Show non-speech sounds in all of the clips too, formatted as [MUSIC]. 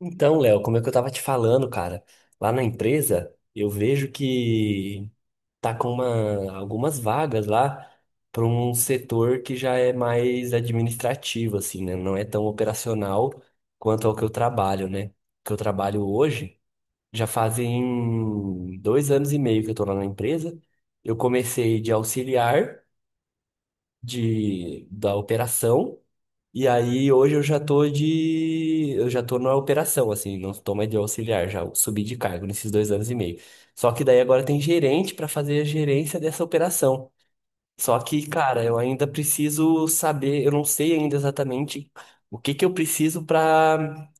Então, Léo, como é que eu tava te falando, cara? Lá na empresa, eu vejo que tá com algumas vagas lá para um setor que já é mais administrativo, assim, né? Não é tão operacional quanto ao que eu trabalho, né? Que eu trabalho hoje, já fazem 2 anos e meio que eu tô lá na empresa. Eu comecei de auxiliar da operação. E aí hoje eu já tô de. Eu já tô na operação, assim, não tô mais de auxiliar, já subi de cargo nesses 2 anos e meio. Só que daí agora tem gerente pra fazer a gerência dessa operação. Só que, cara, eu ainda preciso saber, eu não sei ainda exatamente o que que eu preciso pra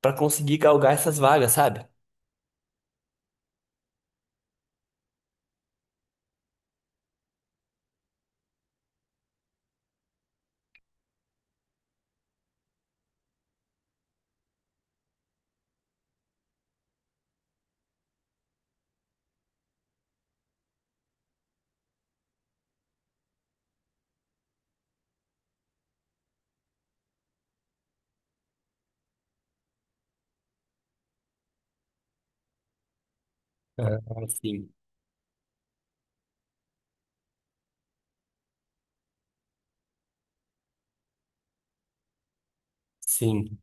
para conseguir galgar essas vagas, sabe? É, sim. Sim.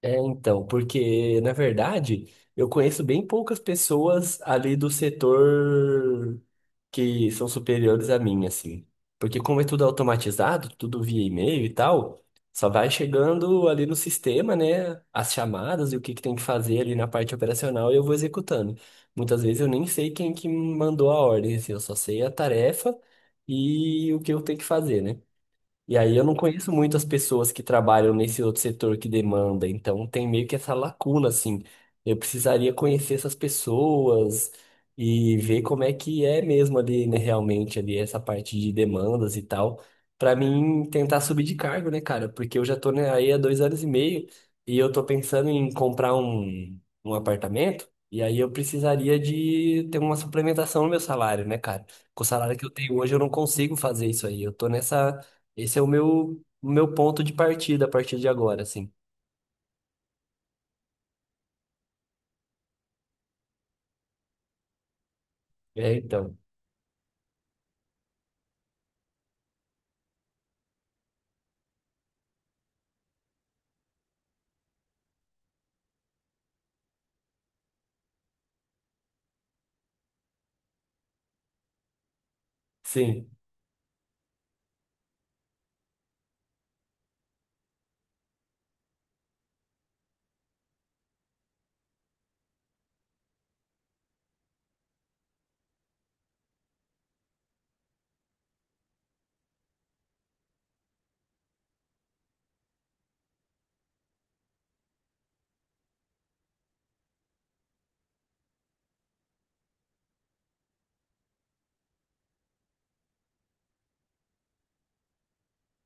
É, então, porque, na verdade, eu conheço bem poucas pessoas ali do setor que são superiores a mim, assim. Porque como é tudo automatizado, tudo via e-mail e tal, só vai chegando ali no sistema, né, as chamadas e o que que tem que fazer ali na parte operacional e eu vou executando. Muitas vezes eu nem sei quem que mandou a ordem, assim, eu só sei a tarefa e o que eu tenho que fazer, né? E aí eu não conheço muitas pessoas que trabalham nesse outro setor que demanda, então tem meio que essa lacuna, assim. Eu precisaria conhecer essas pessoas e ver como é que é mesmo ali, né, realmente, ali, essa parte de demandas e tal, pra mim tentar subir de cargo, né, cara? Porque eu já tô, né, aí há 2 anos e meio e eu tô pensando em comprar um apartamento, e aí eu precisaria de ter uma suplementação no meu salário, né, cara? Com o salário que eu tenho hoje, eu não consigo fazer isso aí. Eu tô nessa esse é o meu ponto de partida a partir de agora, assim. É, então. Sim,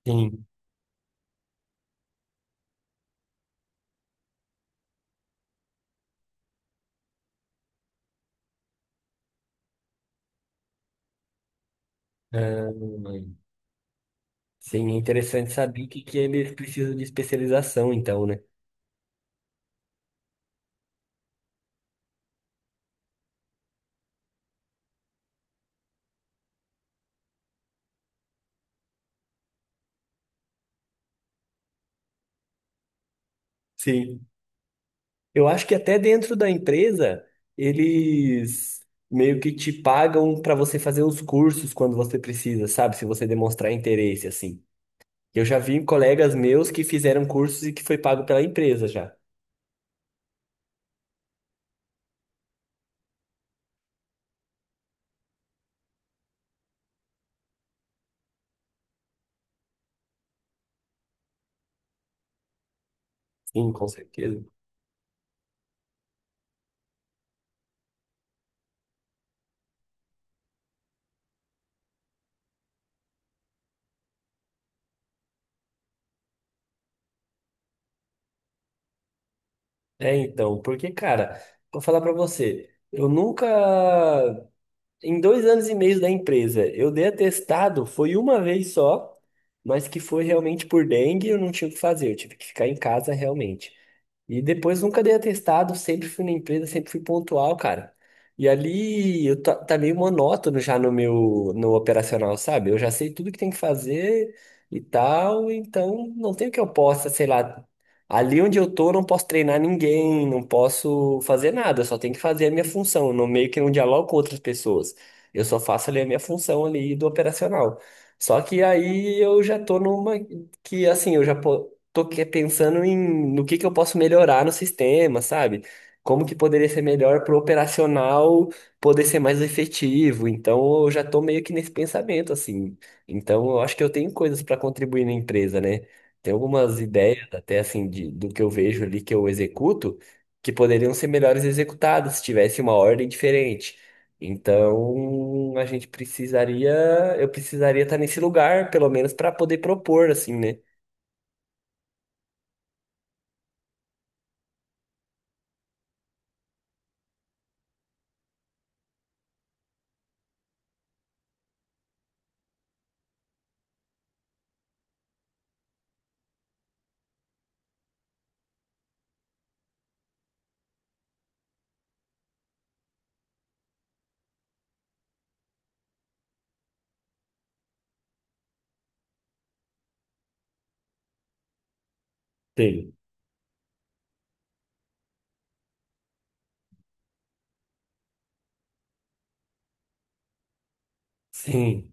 sim. Ahn, sim, é interessante saber que eles precisam de especialização, então, né? Sim. Eu acho que até dentro da empresa, eles meio que te pagam para você fazer os cursos quando você precisa, sabe? Se você demonstrar interesse, assim. Eu já vi colegas meus que fizeram cursos e que foi pago pela empresa já. Sim, com certeza. É, então, porque, cara, vou falar pra você, eu nunca em 2 anos e meio da empresa, eu dei atestado, foi uma vez só, mas que foi realmente por dengue, eu não tinha o que fazer, eu tive que ficar em casa realmente. E depois nunca dei atestado, sempre fui na empresa, sempre fui pontual, cara. E ali tá meio monótono já no operacional, sabe? Eu já sei tudo que tem que fazer e tal, então não tem o que eu possa, sei lá, ali onde eu tô, eu não posso treinar ninguém, não posso fazer nada, eu só tenho que fazer a minha função, eu não meio que não dialogo com outras pessoas. Eu só faço ali a minha função ali do operacional. Só que aí eu já tô numa que assim, eu já po- tô que- pensando em no que eu posso melhorar no sistema, sabe? Como que poderia ser melhor pro operacional poder ser mais efetivo. Então eu já tô meio que nesse pensamento assim. Então eu acho que eu tenho coisas para contribuir na empresa, né? Tem algumas ideias até assim do que eu vejo ali que eu executo que poderiam ser melhores executadas se tivesse uma ordem diferente. Então, eu precisaria estar nesse lugar, pelo menos para poder propor, assim, né? Sim. Sim.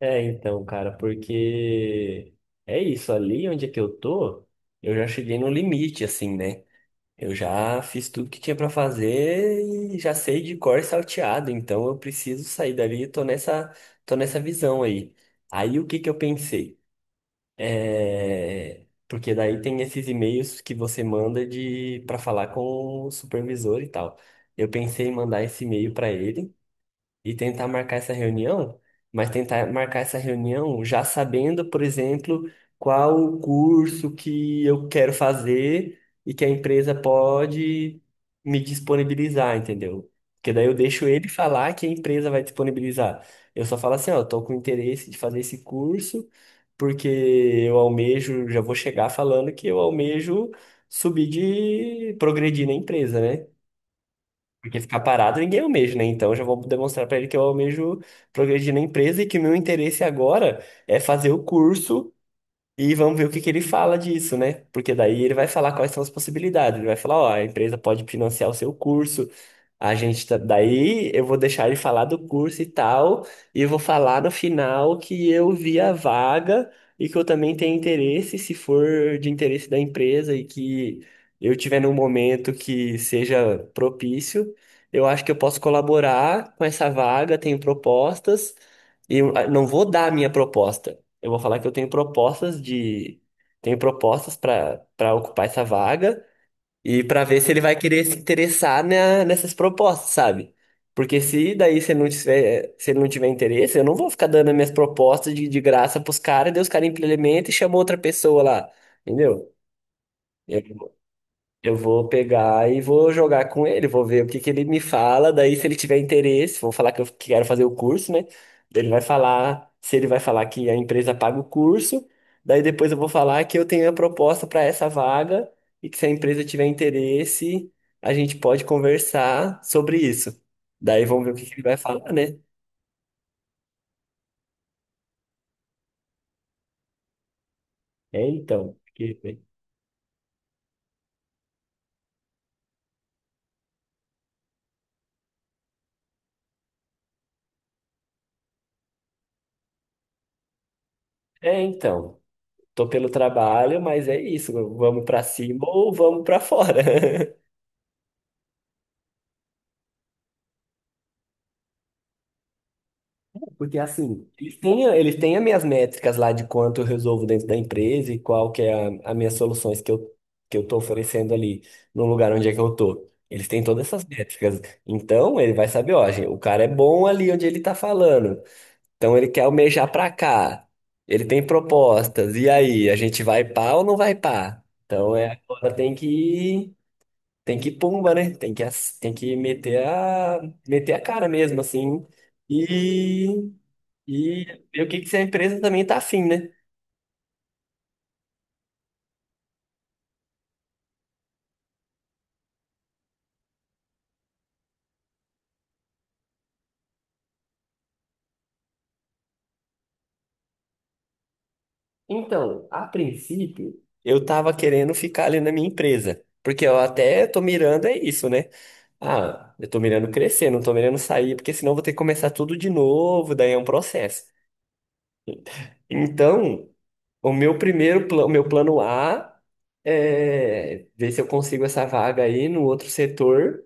É, então, cara, porque é isso, ali onde é que eu tô, eu já cheguei no limite, assim, né? Eu já fiz tudo que tinha pra fazer e já sei de cor e salteado, então eu preciso sair dali, tô nessa visão aí. Aí o que que eu pensei? É, porque daí tem esses e-mails que você manda de para falar com o supervisor e tal. Eu pensei em mandar esse e-mail para ele e tentar marcar essa reunião, mas tentar marcar essa reunião já sabendo, por exemplo, qual o curso que eu quero fazer e que a empresa pode me disponibilizar, entendeu? Porque daí eu deixo ele falar que a empresa vai disponibilizar. Eu só falo assim, ó, eu tô com interesse de fazer esse curso, porque eu almejo, já vou chegar falando que eu almejo subir de progredir na empresa, né? Porque ficar parado ninguém almeja, né? Então eu já vou demonstrar para ele que eu almejo progredir na empresa e que o meu interesse agora é fazer o curso e vamos ver o que que ele fala disso, né? Porque daí ele vai falar quais são as possibilidades. Ele vai falar, ó, a empresa pode financiar o seu curso, a gente tá... daí eu vou deixar ele falar do curso e tal, e eu vou falar no final que eu vi a vaga e que eu também tenho interesse, se for de interesse da empresa e que eu tiver num momento que seja propício, eu acho que eu posso colaborar com essa vaga, tenho propostas. E eu ah, não vou dar a minha proposta. Eu vou falar que eu tenho propostas de. Tenho propostas para ocupar essa vaga e para ver se ele vai querer se interessar nessas propostas, sabe? Porque se ele não tiver, se ele não tiver interesse, eu não vou ficar dando as minhas propostas de graça pros caras, daí os caras implementam e chamam outra pessoa lá, entendeu? Eu vou pegar e vou jogar com ele, vou ver o que que ele me fala. Daí, se ele tiver interesse, vou falar que eu quero fazer o curso, né? Se ele vai falar que a empresa paga o curso, daí depois eu vou falar que eu tenho a proposta para essa vaga e que se a empresa tiver interesse, a gente pode conversar sobre isso. Daí vamos ver o que que ele vai falar, né? É então, porque- é então, tô pelo trabalho, mas é isso, vamos para cima ou vamos para fora. [LAUGHS] Porque assim, eles têm as minhas métricas lá de quanto eu resolvo dentro da empresa e qual que é as minhas soluções que eu tô oferecendo ali no lugar onde é que eu tô. Eles têm todas essas métricas. Então, ele vai saber, ó, gente, o cara é bom ali onde ele tá falando. Então, ele quer almejar pra cá. Ele tem propostas. E aí, a gente vai pá ou não vai pá? Então, é, agora tem que pumba, né? Tem que meter a cara mesmo, assim. E e ver o que que se a empresa também tá afim, né? Então, a princípio, eu tava querendo ficar ali na minha empresa. Porque eu até tô mirando é isso, né? Ah, eu tô mirando crescer, não tô mirando sair, porque senão eu vou ter que começar tudo de novo, daí é um processo. Então, o meu primeiro plano, o meu plano A é ver se eu consigo essa vaga aí no outro setor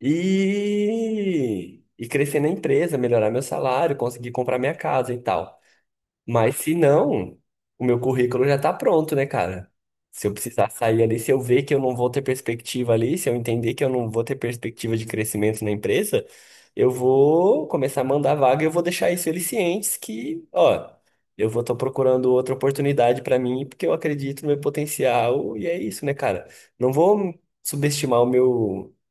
e crescer na empresa, melhorar meu salário, conseguir comprar minha casa e tal. Mas se não, o meu currículo já tá pronto, né, cara? Se eu precisar sair ali, se eu ver que eu não vou ter perspectiva ali, se eu entender que eu não vou ter perspectiva de crescimento na empresa, eu vou começar a mandar vaga e eu vou deixar isso eles cientes que, ó, eu vou estar procurando outra oportunidade pra mim porque eu acredito no meu potencial e é isso, né, cara? Não vou subestimar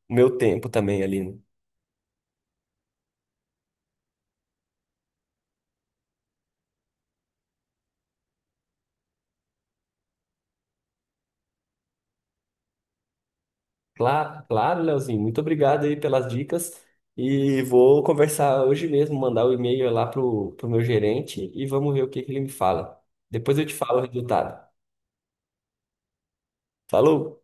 o meu tempo também ali, né? Claro, claro, Leozinho. Muito obrigado aí pelas dicas. E vou conversar hoje mesmo, mandar o e-mail lá pro meu gerente e vamos ver o que que ele me fala. Depois eu te falo o resultado. Falou!